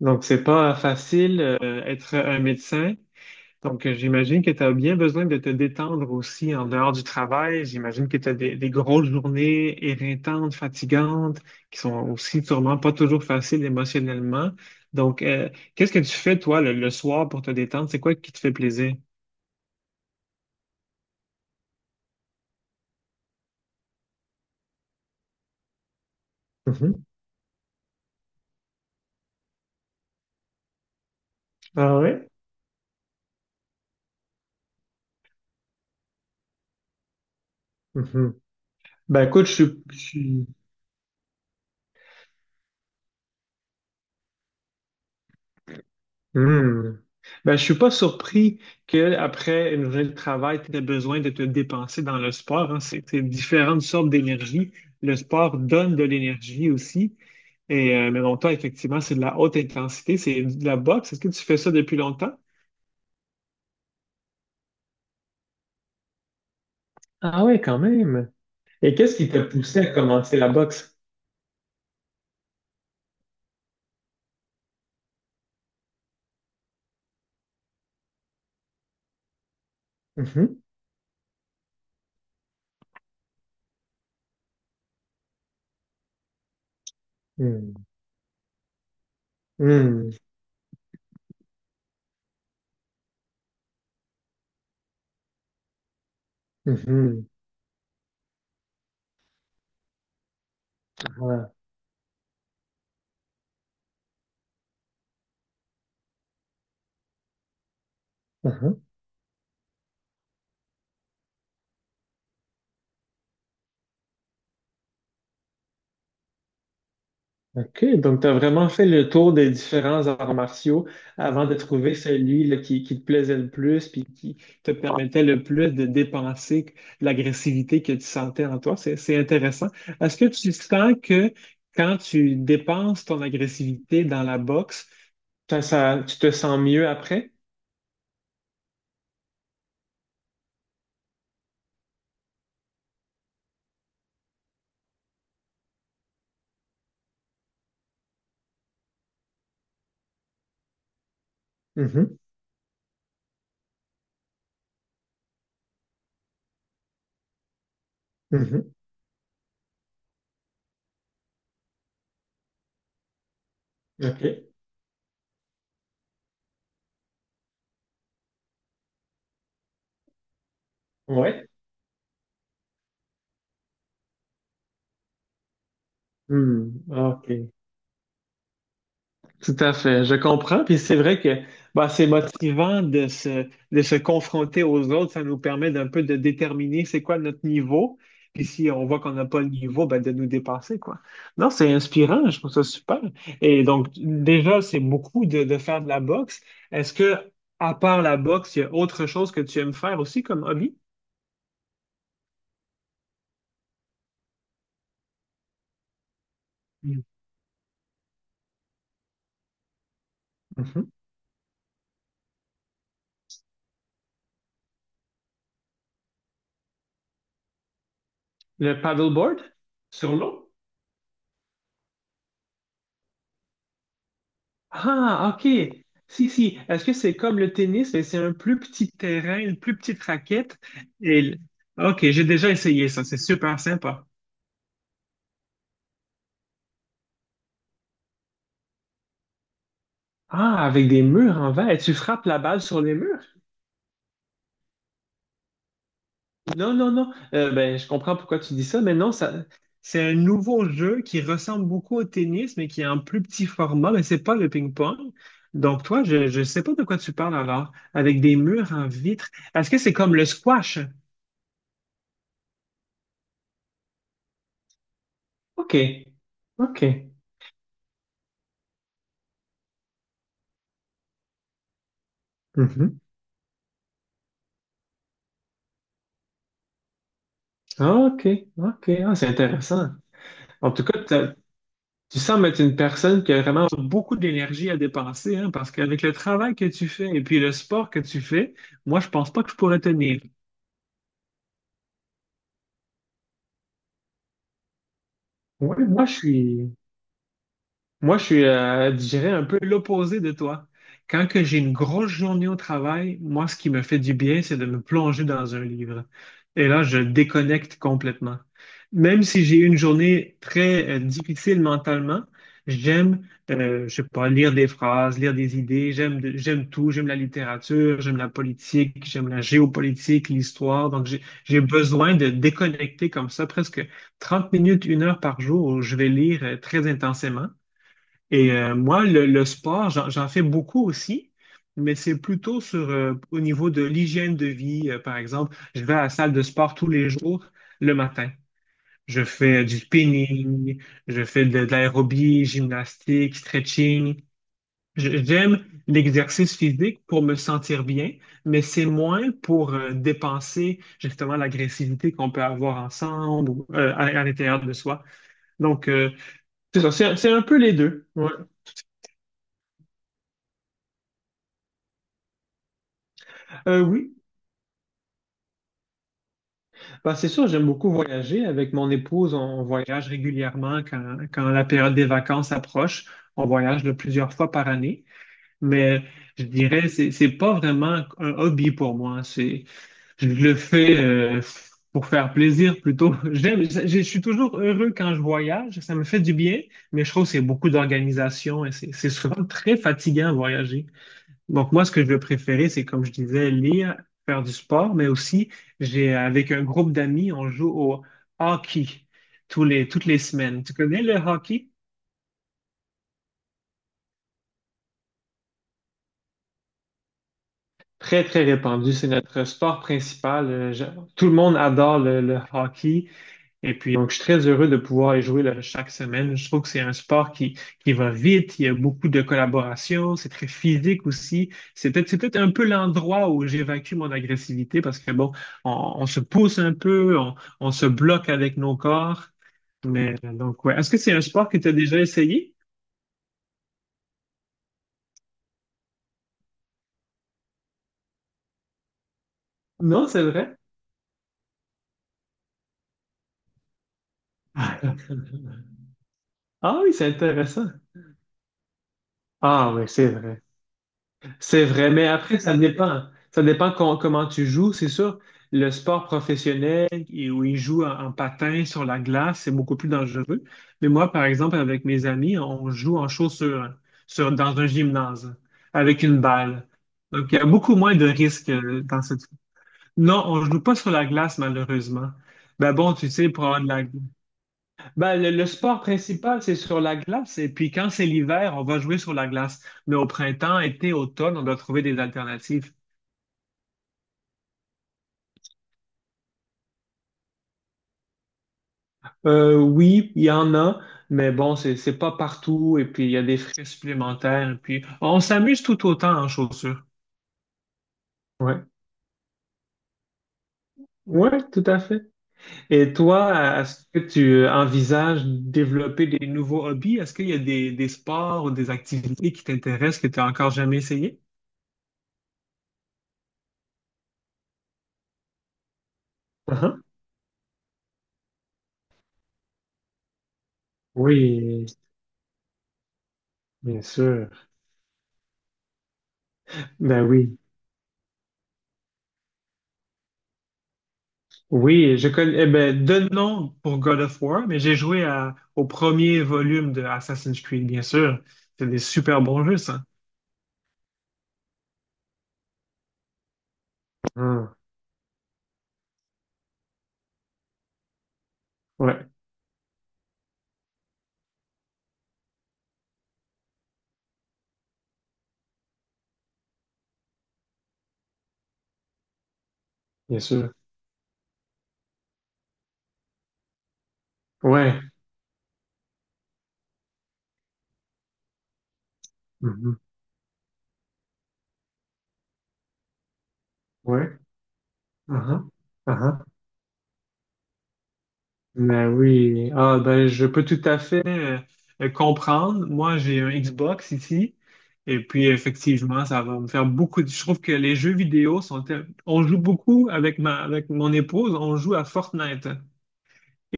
Donc, c'est pas facile, être un médecin. Donc, j'imagine que tu as bien besoin de te détendre aussi en dehors du travail. J'imagine que tu as des grosses journées éreintantes, fatigantes, qui sont aussi sûrement pas toujours faciles émotionnellement. Donc, qu'est-ce que tu fais, toi, le soir pour te détendre? C'est quoi qui te fait plaisir? Mhm. Ah ouais? Mhm. Ben écoute, Hmm. Ben, je suis pas surpris qu'après une journée de travail, tu aies besoin de te dépenser dans le sport, hein. C'est différentes sortes d'énergie. Le sport donne de l'énergie aussi. Et, mais bon, toi, effectivement, c'est de la haute intensité, c'est de la boxe. Est-ce que tu fais ça depuis longtemps? Ah oui, quand même. Et qu'est-ce qui t'a poussé à commencer la boxe? Mhm. Hmm. Hmm. Mhm. Ah. OK, donc tu as vraiment fait le tour des différents arts martiaux avant de trouver celui là, qui te plaisait le plus puis qui te permettait le plus de dépenser l'agressivité que tu sentais en toi. C'est intéressant. Est-ce que tu sens que quand tu dépenses ton agressivité dans la boxe, tu te sens mieux après? Mhm, mhm. OK. Ouais. Hmm, OK. Tout à fait, je comprends. Puis c'est vrai que bah, c'est motivant de se confronter aux autres. Ça nous permet d'un peu de déterminer c'est quoi notre niveau. Puis si on voit qu'on n'a pas le niveau, ben, de nous dépasser, quoi. Non, c'est inspirant, je trouve ça super. Et donc, déjà, c'est beaucoup de faire de la boxe. Est-ce que, à part la boxe, il y a autre chose que tu aimes faire aussi comme hobby? Mhm. Le paddleboard sur l'eau? Ah, OK. Si, si. Est-ce que c'est comme le tennis, mais c'est un plus petit terrain, une plus petite raquette? Et... l- OK, j'ai déjà essayé ça. C'est super sympa. Ah, avec des murs en verre. Et tu frappes la balle sur les murs? Non, non, non. Ben, je comprends pourquoi tu dis ça, mais non, ça, c'est un nouveau jeu qui ressemble beaucoup au tennis, mais qui est en plus petit format, mais c'est pas le ping-pong. Donc, toi, je ne sais pas de quoi tu parles alors, avec des murs en vitre. Est-ce que c'est comme le squash? OK. OK. Mhm. Ah, OK, OK, ah, c'est intéressant. En tout cas, tu sembles être une personne qui a vraiment beaucoup d'énergie à dépenser, hein, parce qu'avec le travail que tu fais et puis le sport que tu fais, moi, je pense pas que je pourrais tenir. Oui, moi, je suis, Moi, je suis, je dirais, un peu l'opposé de toi. Quand que j'ai une grosse journée au travail, moi, ce qui me fait du bien, c'est de me plonger dans un livre. Et là, je déconnecte complètement. Même si j'ai eu une journée très, difficile mentalement, je sais pas, lire des phrases, lire des idées, j'aime tout, j'aime la littérature, j'aime la politique, j'aime la géopolitique, l'histoire. Donc, j'ai besoin de déconnecter comme ça presque 30 minutes, une heure par jour où je vais lire, très intensément. Et moi, le sport, j'en fais beaucoup aussi, mais c'est plutôt sur, au niveau de l'hygiène de vie. Par exemple, je vais à la salle de sport tous les jours le matin. Je fais du spinning, je fais de l'aérobie, gymnastique, stretching. J'aime l'exercice physique pour me sentir bien, mais c'est moins pour dépenser justement l'agressivité qu'on peut avoir ensemble ou à l'intérieur de soi. Donc, c'est ça, c'est un peu les deux. Ouais. Euh, oui, Ben, c'est sûr, j'aime beaucoup voyager. Avec mon épouse, on voyage régulièrement quand la période des vacances approche. On voyage de plusieurs fois par année. Mais je dirais, c'est pas vraiment un hobby pour moi. C'est, je le fais pour faire plaisir plutôt. Je suis toujours heureux quand je voyage. Ça me fait du bien, mais je trouve que c'est beaucoup d'organisation et c'est souvent très fatigant à voyager. Donc moi, ce que je vais préférer, c'est comme je disais, lire, faire du sport, mais aussi, j'ai avec un groupe d'amis, on joue au hockey toutes les semaines. Tu connais le hockey? Très, très répandu. C'est notre sport principal. Tout le monde adore le hockey. Et puis, donc, je suis très heureux de pouvoir y jouer là, chaque semaine. Je trouve que c'est un sport qui va vite, il y a beaucoup de collaboration, c'est très physique aussi. C'est peut-être un peu l'endroit où j'évacue mon agressivité parce que, bon, on, on se pousse un peu, on se bloque avec nos corps. Mais donc, ouais. Est-ce que c'est un sport que tu as déjà essayé? Non, c'est vrai. Ah oui, c'est intéressant. Ah oui, c'est vrai. C'est vrai, mais après, ça dépend. Ça dépend comment tu joues, c'est sûr. Le sport professionnel, et où ils jouent en, en patin sur la glace, c'est beaucoup plus dangereux. Mais moi, par exemple, avec mes amis, on joue en chaussures, sur, dans un gymnase, avec une balle. Donc, il y a beaucoup moins de risques dans cette... Non, on ne joue pas sur la glace, malheureusement. Ben bon, tu sais, pour avoir de la ben, le sport principal, c'est sur la glace. Et puis quand c'est l'hiver, on va jouer sur la glace. Mais au printemps, été, automne, on doit trouver des alternatives. Oui, il y en a, mais bon, c'est pas partout. Et puis il y a des frais supplémentaires. Et puis on s'amuse tout autant en chaussures. Ouais. Ouais, tout à fait. Et toi, est-ce que tu envisages développer des nouveaux hobbies? Est-ce qu'il y a des sports ou des activités qui t'intéressent que tu n'as encore jamais essayé? Uh-huh. Oui, bien sûr. Ben oui. Oui, je connais, eh ben, de nom pour God of War, mais au premier volume de Assassin's Creed, bien sûr. C'est des super bons jeux, ça. Ah, ouais, bien sûr. Ouais. Mhm. Ouais. Aha, aha. Ben oui. Ah, ben, je peux tout à fait comprendre. Moi, j'ai un Xbox ici. Et puis, effectivement, ça va me faire Je trouve que les jeux vidéo sont. On joue beaucoup avec ma, avec mon épouse. On joue à Fortnite.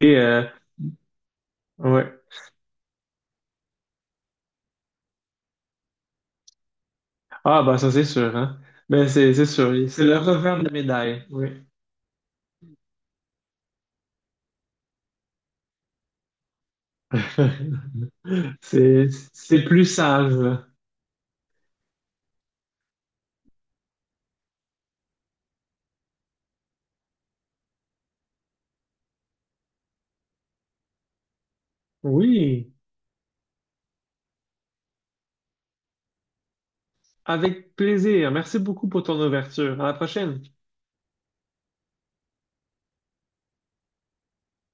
Et, ouais. Ah, bah ça c'est sûr, hein. Mais c'est sûr, c'est le revers de la médaille, oui. C'est plus sage. Oui, avec plaisir. Merci beaucoup pour ton ouverture. À la prochaine.